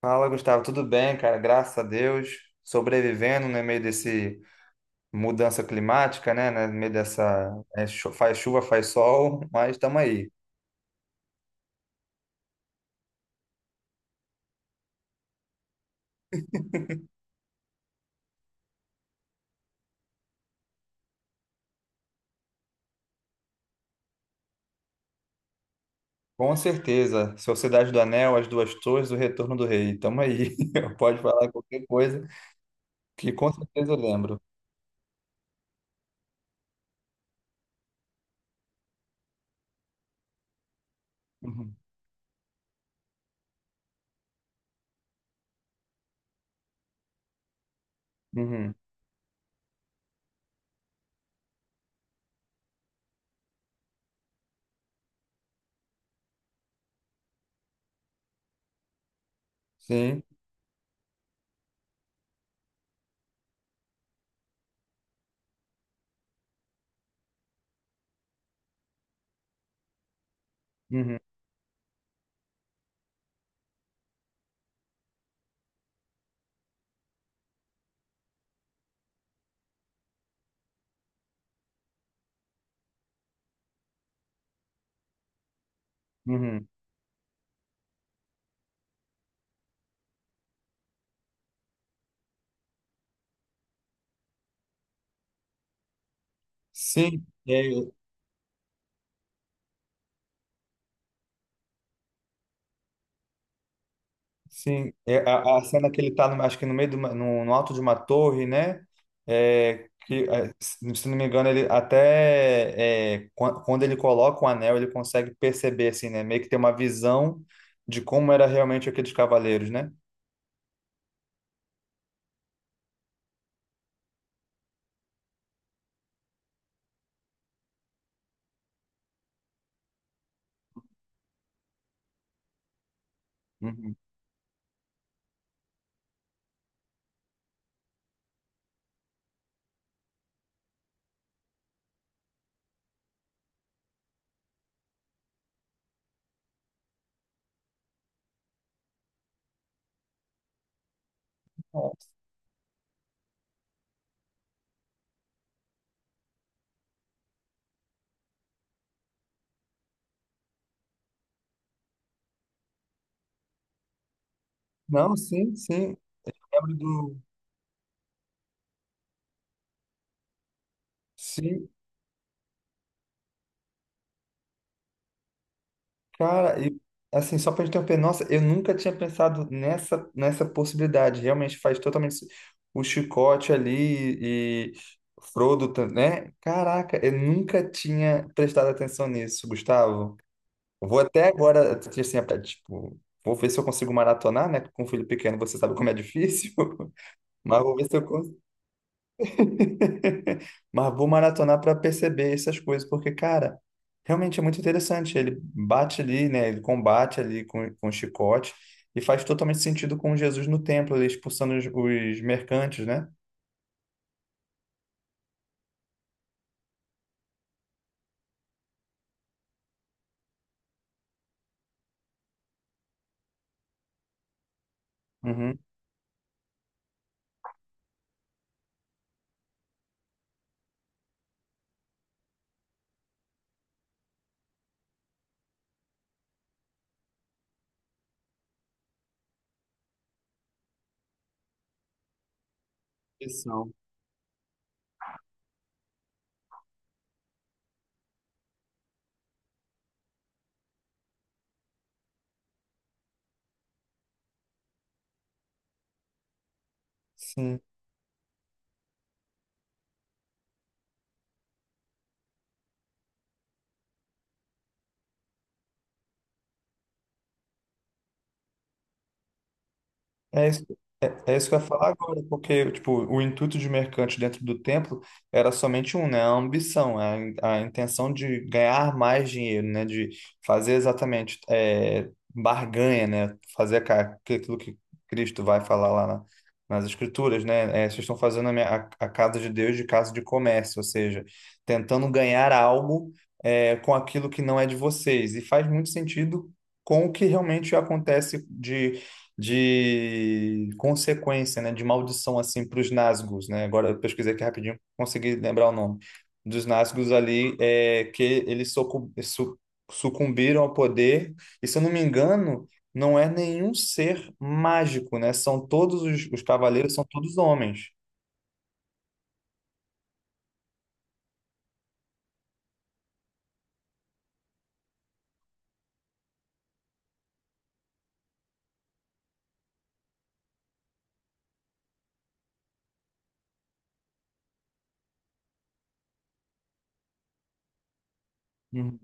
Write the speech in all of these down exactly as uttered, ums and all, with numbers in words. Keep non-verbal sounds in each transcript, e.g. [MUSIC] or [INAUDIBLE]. Fala, Gustavo, tudo bem, cara? Graças a Deus, sobrevivendo no meio desse mudança climática, né? No meio dessa é, chu- faz chuva, faz sol, mas estamos aí. Com certeza, Sociedade do Anel, As Duas Torres, O Retorno do Rei, estamos aí. [LAUGHS] Pode falar qualquer coisa que com certeza eu lembro. Uhum. Uhum. Sim. Uhum. Uhum. Sim. É. Sim, é a, a cena que ele tá, no- acho que no meio do, no, no alto de uma torre, né? É, que, é, se se não me engano, ele até é, quan- quando ele coloca o anel, ele consegue perceber, assim, né? Meio que ter uma visão de como era realmente aqueles cavaleiros, né? Uhum. Não, sim, sim. Lembro do. Sim. Cara, e assim, só pra gente interromper, nossa, eu nunca tinha pensado nessa, nessa possibilidade. Realmente faz totalmente se- o chicote ali e Frodo, tam- né? Caraca, eu nunca tinha prestado atenção nisso, Gustavo. Eu vou até agora, assim, até, tipo, vou ver se eu consigo maratonar, né? Com um filho pequeno, você sabe como é difícil. [LAUGHS] Mas vou ver se eu... [LAUGHS] Mas vou maratonar para perceber essas coisas, porque, cara, realmente é muito interessante. Ele bate ali, né? Ele combate ali com, com o chicote e faz totalmente sentido com Jesus no templo, ali expulsando os, os mercantes, né? Uhum. Missão. Sim. É isso, é, é isso que eu ia falar agora, porque tipo, o intuito de mercante dentro do templo era somente um, né? A ambição, a, in- a intenção de ganhar mais dinheiro, né? De fazer exatamente é, barganha, né? Fazer ca- aquilo que Cristo vai falar lá na- nas Escrituras, né? É, vocês estão fazendo a, minha- a- a casa de Deus de casa de comércio, ou seja, tentando ganhar algo é, com aquilo que não é de vocês. E faz muito sentido com o que realmente acontece de consequência, né, de maldição assim para os Nazgûs, né? Agora eu pesquisei aqui rapidinho, consegui lembrar o nome dos Nazgûs ali, é que eles socu- su- sucumbiram ao poder. E se eu não me engano, não é nenhum ser mágico, né? São todos os, os cavaleiros, são todos homens. Uhum,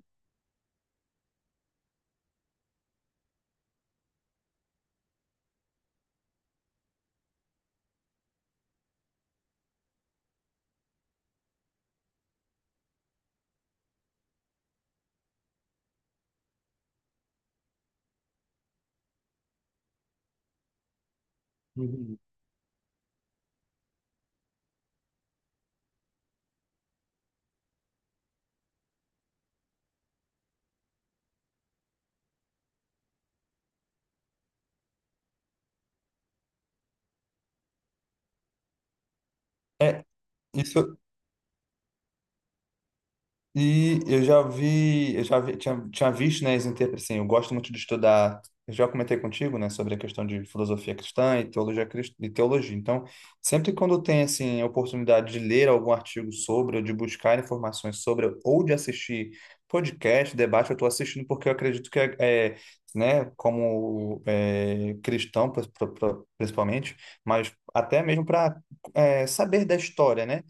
uhum. Isso. E eu já vi, eu já vi, tinha, tinha visto, né, as inter- assim, eu gosto muito de estudar, eu já comentei contigo, né, sobre a questão de filosofia cristã e teologia, crist- e teologia. Então, sempre quando tem, assim, a oportunidade de ler algum artigo sobre, ou de buscar informações sobre, ou de assistir podcast, debate, eu estou assistindo porque eu acredito que, é, é, né, como é, cristão, pr- pr- pr- principalmente, mas até mesmo para saber da história, né?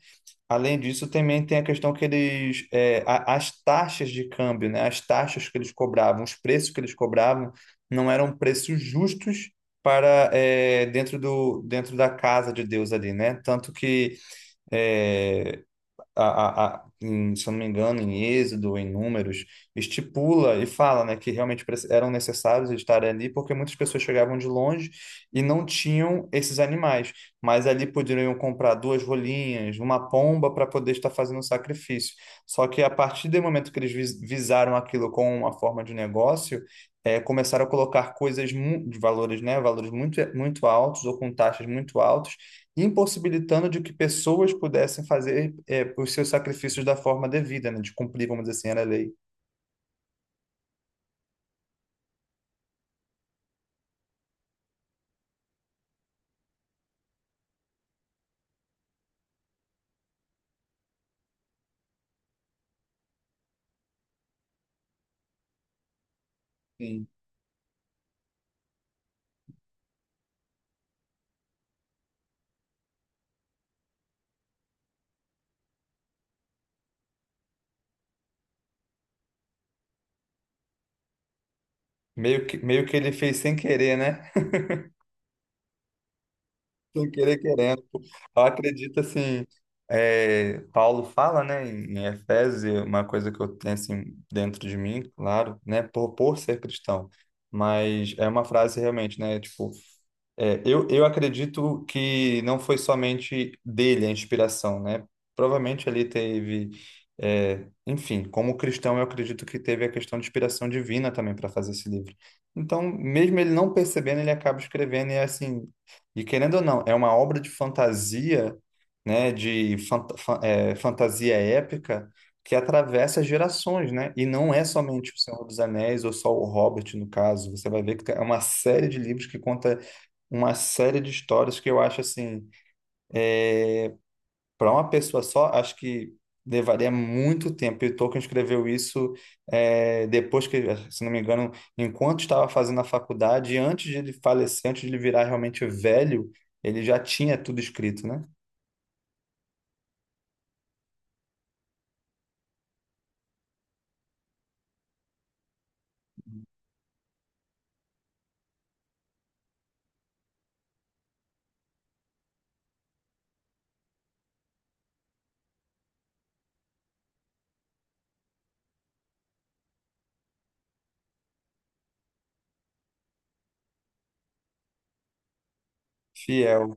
Além disso, também tem a questão que eles, é, a- as taxas de câmbio, né? As taxas que eles cobravam, os preços que eles cobravam, não eram preços justos para é, dentro do dentro da casa de Deus ali, né? Tanto que é, a, a, em, se eu não me engano, em Êxodo, em Números, estipula e fala, né, que realmente preci- eram necessários estar ali, porque muitas pessoas chegavam de longe e não tinham esses animais, mas ali poderiam comprar duas rolinhas, uma pomba para poder estar fazendo o sacrifício. Só que a partir do momento que eles vis- visaram aquilo como uma forma de negócio, eh, começaram a colocar coisas mu- de valores, né, valores muito, muito altos ou com taxas muito altas, impossibilitando de que pessoas pudessem fazer eh, os seus sacrifícios da forma devida, né? De cumprir, vamos dizer assim, era a lei. Sim. Meio que, meio que ele fez sem querer, né? Sem querer querendo. Eu acredito assim, é, Paulo fala, né, em em Efésios, e é uma coisa que eu tenho assim dentro de mim, claro, né, por, por ser cristão, mas é uma frase realmente, né, tipo, é, eu, eu acredito que não foi somente dele a inspiração, né? Provavelmente ali teve, é, enfim, como cristão, eu acredito que teve a questão de inspiração divina também para fazer esse livro. Então, mesmo ele não percebendo, ele acaba escrevendo e é, assim, e querendo ou não, é uma obra de fantasia, né, de fant- fa- é, fantasia épica que atravessa gerações, né? E não é somente O Senhor dos Anéis ou só o Hobbit, no caso. Você vai ver que é uma série de livros que conta uma série de histórias que eu acho assim é, para uma pessoa só, acho que levaria muito tempo. E o Tolkien escreveu isso é, depois que, se não me engano, enquanto estava fazendo a faculdade, e antes de ele falecer, antes de ele virar realmente velho, ele já tinha tudo escrito, né? Fiel.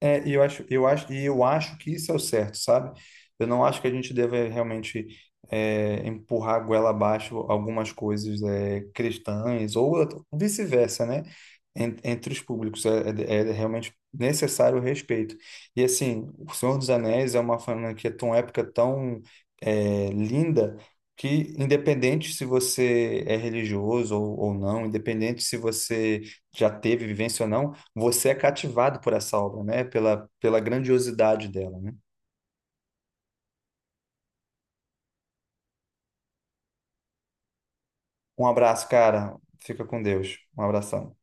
É, e eu acho, eu acho, e eu acho que isso é o certo, sabe? Eu não acho que a gente deve realmente é, empurrar a goela abaixo algumas coisas é, cristãs ou vice-versa, né? En- Entre os públicos é, é- é realmente necessário o respeito. E assim, O Senhor dos Anéis é uma franquia tão épica, tão é, linda, que independente se você é religioso ou, ou não, independente se você já teve vivência ou não, você é cativado por essa obra, né? Pela, pela grandiosidade dela, né? Um abraço, cara. Fica com Deus. Um abração.